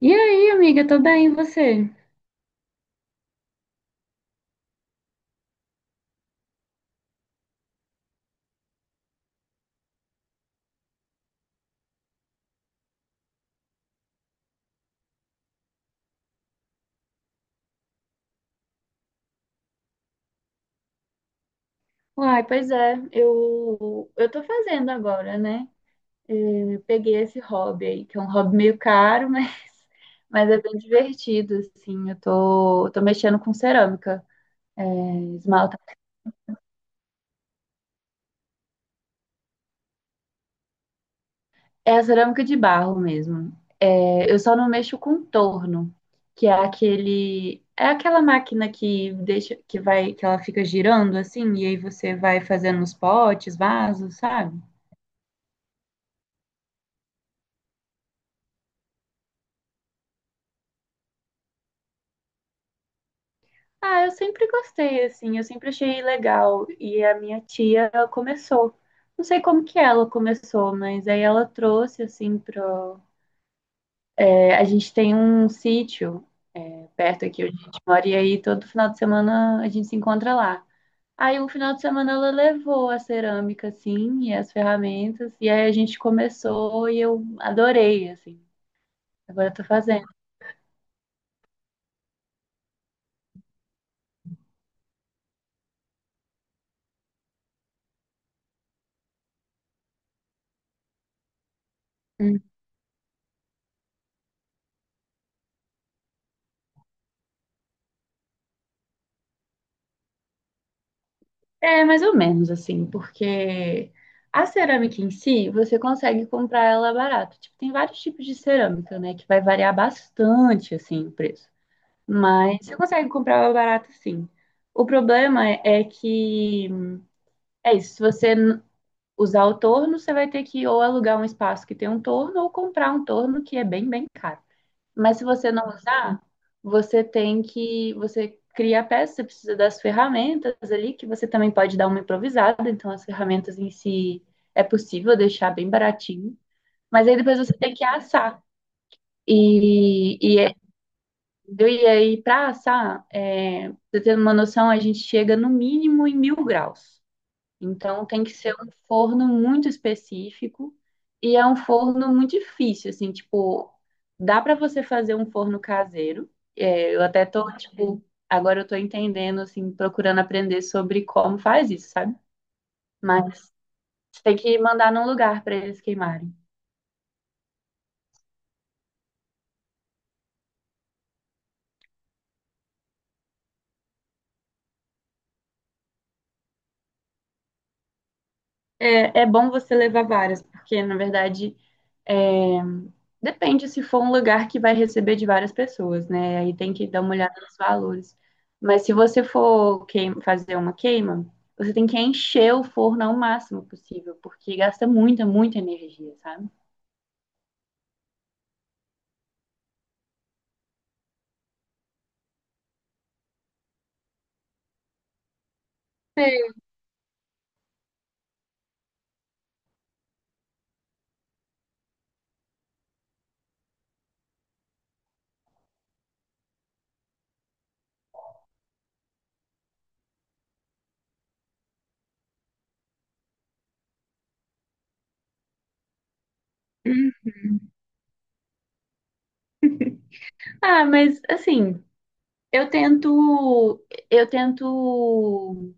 E aí, amiga, tô bem, e você? Uai, pois é, eu tô fazendo agora, né? Eu peguei esse hobby aí, que é um hobby meio caro, mas é bem divertido, assim. Eu tô mexendo com cerâmica, é, esmalta. É a cerâmica de barro mesmo. É, eu só não mexo com torno, que é aquela máquina que deixa, que vai, que ela fica girando assim, e aí você vai fazendo os potes, vasos, sabe? Ah, eu sempre gostei, assim, eu sempre achei legal. E a minha tia, ela começou. Não sei como que ela começou, mas aí ela trouxe, assim, pro. É, a gente tem um sítio perto aqui onde a gente mora, e aí todo final de semana a gente se encontra lá. Aí um final de semana ela levou a cerâmica, assim, e as ferramentas, e aí a gente começou e eu adorei, assim. Agora eu tô fazendo. Hum. É mais ou menos assim, porque a cerâmica em si, você consegue comprar ela barato. Tipo, tem vários tipos de cerâmica, né, que vai variar bastante assim o preço. Mas você consegue comprar ela barato sim. O problema é que é isso, se você usar o torno, você vai ter que ou alugar um espaço que tem um torno ou comprar um torno que é bem, bem caro. Mas se você não usar, você cria a peça, você precisa das ferramentas ali, que você também pode dar uma improvisada, então as ferramentas em si é possível deixar bem baratinho, mas aí depois você tem que assar. E, e, é- Entendeu? E aí, para assar, pra você ter uma noção, a gente chega no mínimo em 1.000 graus. Então tem que ser um forno muito específico e é um forno muito difícil, assim, tipo, dá para você fazer um forno caseiro. É, eu até tô, tipo, agora eu tô entendendo, assim, procurando aprender sobre como faz isso, sabe? Mas tem que mandar num lugar para eles queimarem. É, é bom você levar várias, porque na verdade é, depende se for um lugar que vai receber de várias pessoas, né? Aí tem que dar uma olhada nos valores. Mas se você for fazer uma queima, você tem que encher o forno ao máximo possível, porque gasta muita, muita energia, sabe? Sei. Ah, mas assim, eu tento, eu tento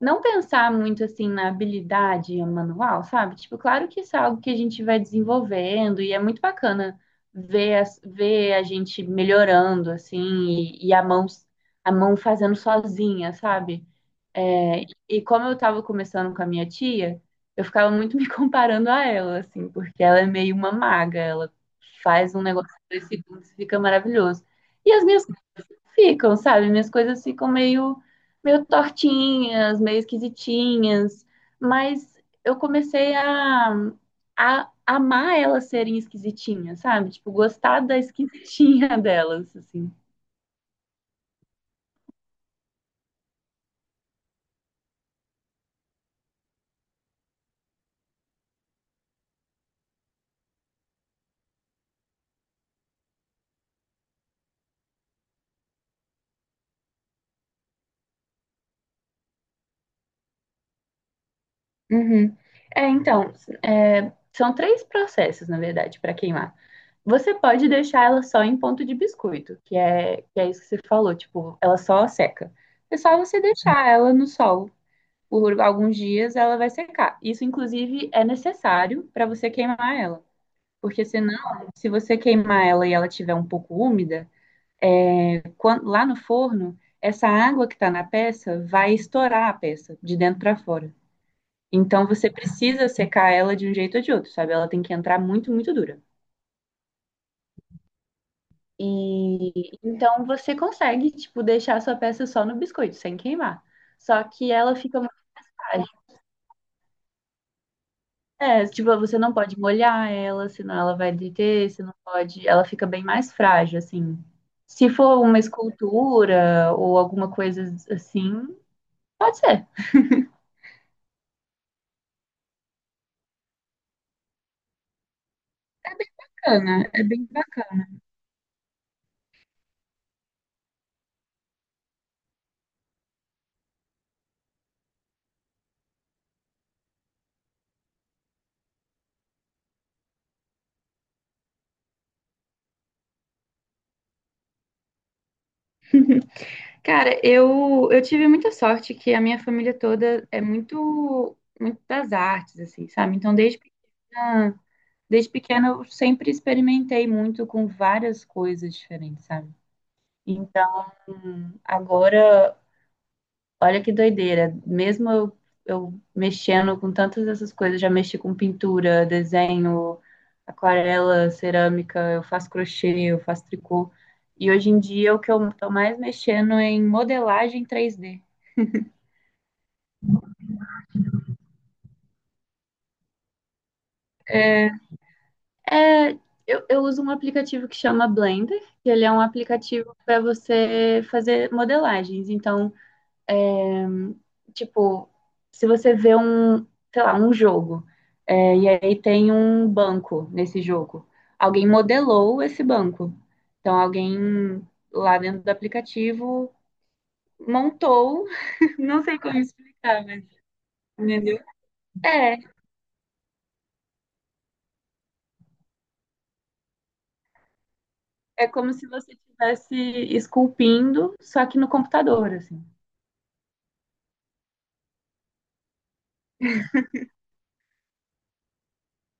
não pensar muito assim na habilidade manual, sabe? Tipo, claro que isso é algo que a gente vai desenvolvendo e é muito bacana ver a gente melhorando assim e a mão fazendo sozinha, sabe? É, e como eu tava começando com a minha tia, eu ficava muito me comparando a ela, assim, porque ela é meio uma maga, ela faz um negócio em 2 segundos e fica maravilhoso. E as minhas ficam, sabe? Minhas coisas ficam meio, meio tortinhas, meio esquisitinhas, mas eu comecei a amar elas serem esquisitinhas, sabe? Tipo, gostar da esquisitinha delas, assim. Uhum. É, então, são três processos, na verdade, para queimar. Você pode deixar ela só em ponto de biscoito, que é isso que você falou, tipo, ela só seca. É só você deixar ela no sol por alguns dias, ela vai secar. Isso, inclusive, é necessário para você queimar ela. Porque senão, se você queimar ela e ela estiver um pouco úmida, lá no forno, essa água que está na peça vai estourar a peça de dentro para fora. Então você precisa secar ela de um jeito ou de outro, sabe? Ela tem que entrar muito, muito dura. E então você consegue, tipo, deixar a sua peça só no biscoito, sem queimar. Só que ela fica muito. É, tipo, você não pode molhar ela, senão ela vai derreter, você não pode, ela fica bem mais frágil, assim. Se for uma escultura ou alguma coisa assim, pode ser. Bacana, é bem bacana. Cara, eu tive muita sorte que a minha família toda é muito, muito das artes, assim, sabe? Então, pequena, desde pequena eu sempre experimentei muito com várias coisas diferentes, sabe? Então, agora. Olha que doideira. Mesmo eu mexendo com tantas dessas coisas, já mexi com pintura, desenho, aquarela, cerâmica, eu faço crochê, eu faço tricô. E hoje em dia o que eu tô mais mexendo é em modelagem 3D. É, é, eu uso um aplicativo que chama Blender, que ele é um aplicativo para você fazer modelagens. Então, tipo, se você vê um, sei lá, um jogo, e aí tem um banco nesse jogo. Alguém modelou esse banco. Então, alguém lá dentro do aplicativo montou, não sei como explicar, mas entendeu? É, é como se você estivesse esculpindo, só que no computador, assim.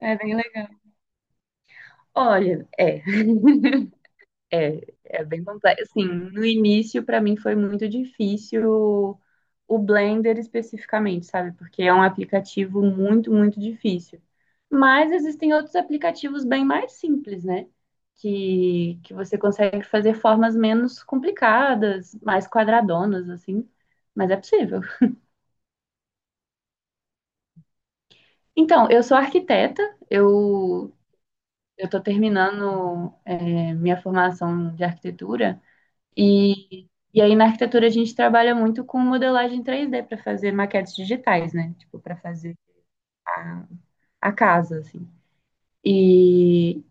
É bem legal. Olha. É bem complexo. Assim, no início, para mim, foi muito difícil o Blender especificamente, sabe? Porque é um aplicativo muito, muito difícil. Mas existem outros aplicativos bem mais simples, né? Que você consegue fazer formas menos complicadas, mais quadradonas, assim. Mas é possível. Então, eu sou arquiteta, eu eu estou terminando, minha formação de arquitetura. E, e aí na arquitetura a gente trabalha muito com modelagem 3D para fazer maquetes digitais, né? Tipo, para fazer a, a casa, assim. E,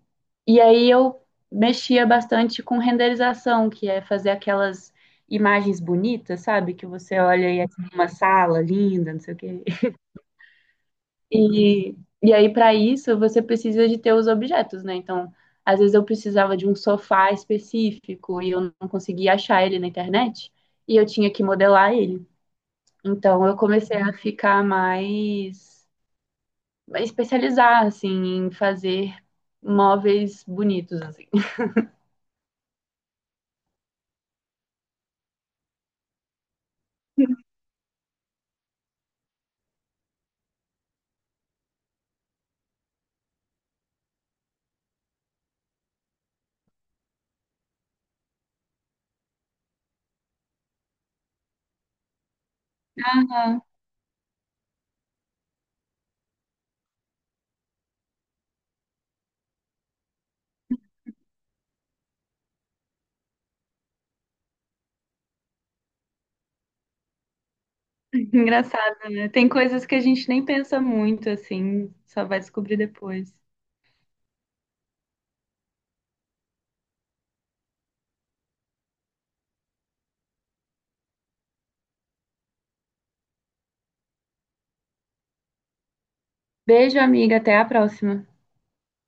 e aí eu mexia bastante com renderização, que é fazer aquelas imagens bonitas, sabe? Que você olha e é tipo uma sala linda, não sei o quê. E, e aí, para isso, você precisa de ter os objetos, né? Então, às vezes eu precisava de um sofá específico e eu não conseguia achar ele na internet, e eu tinha que modelar ele. Então, eu comecei a ficar mais, a especializar, assim, em fazer móveis bonitos, assim. Ah, engraçado, né? Tem coisas que a gente nem pensa muito, assim, só vai descobrir depois. Beijo, amiga, até a próxima.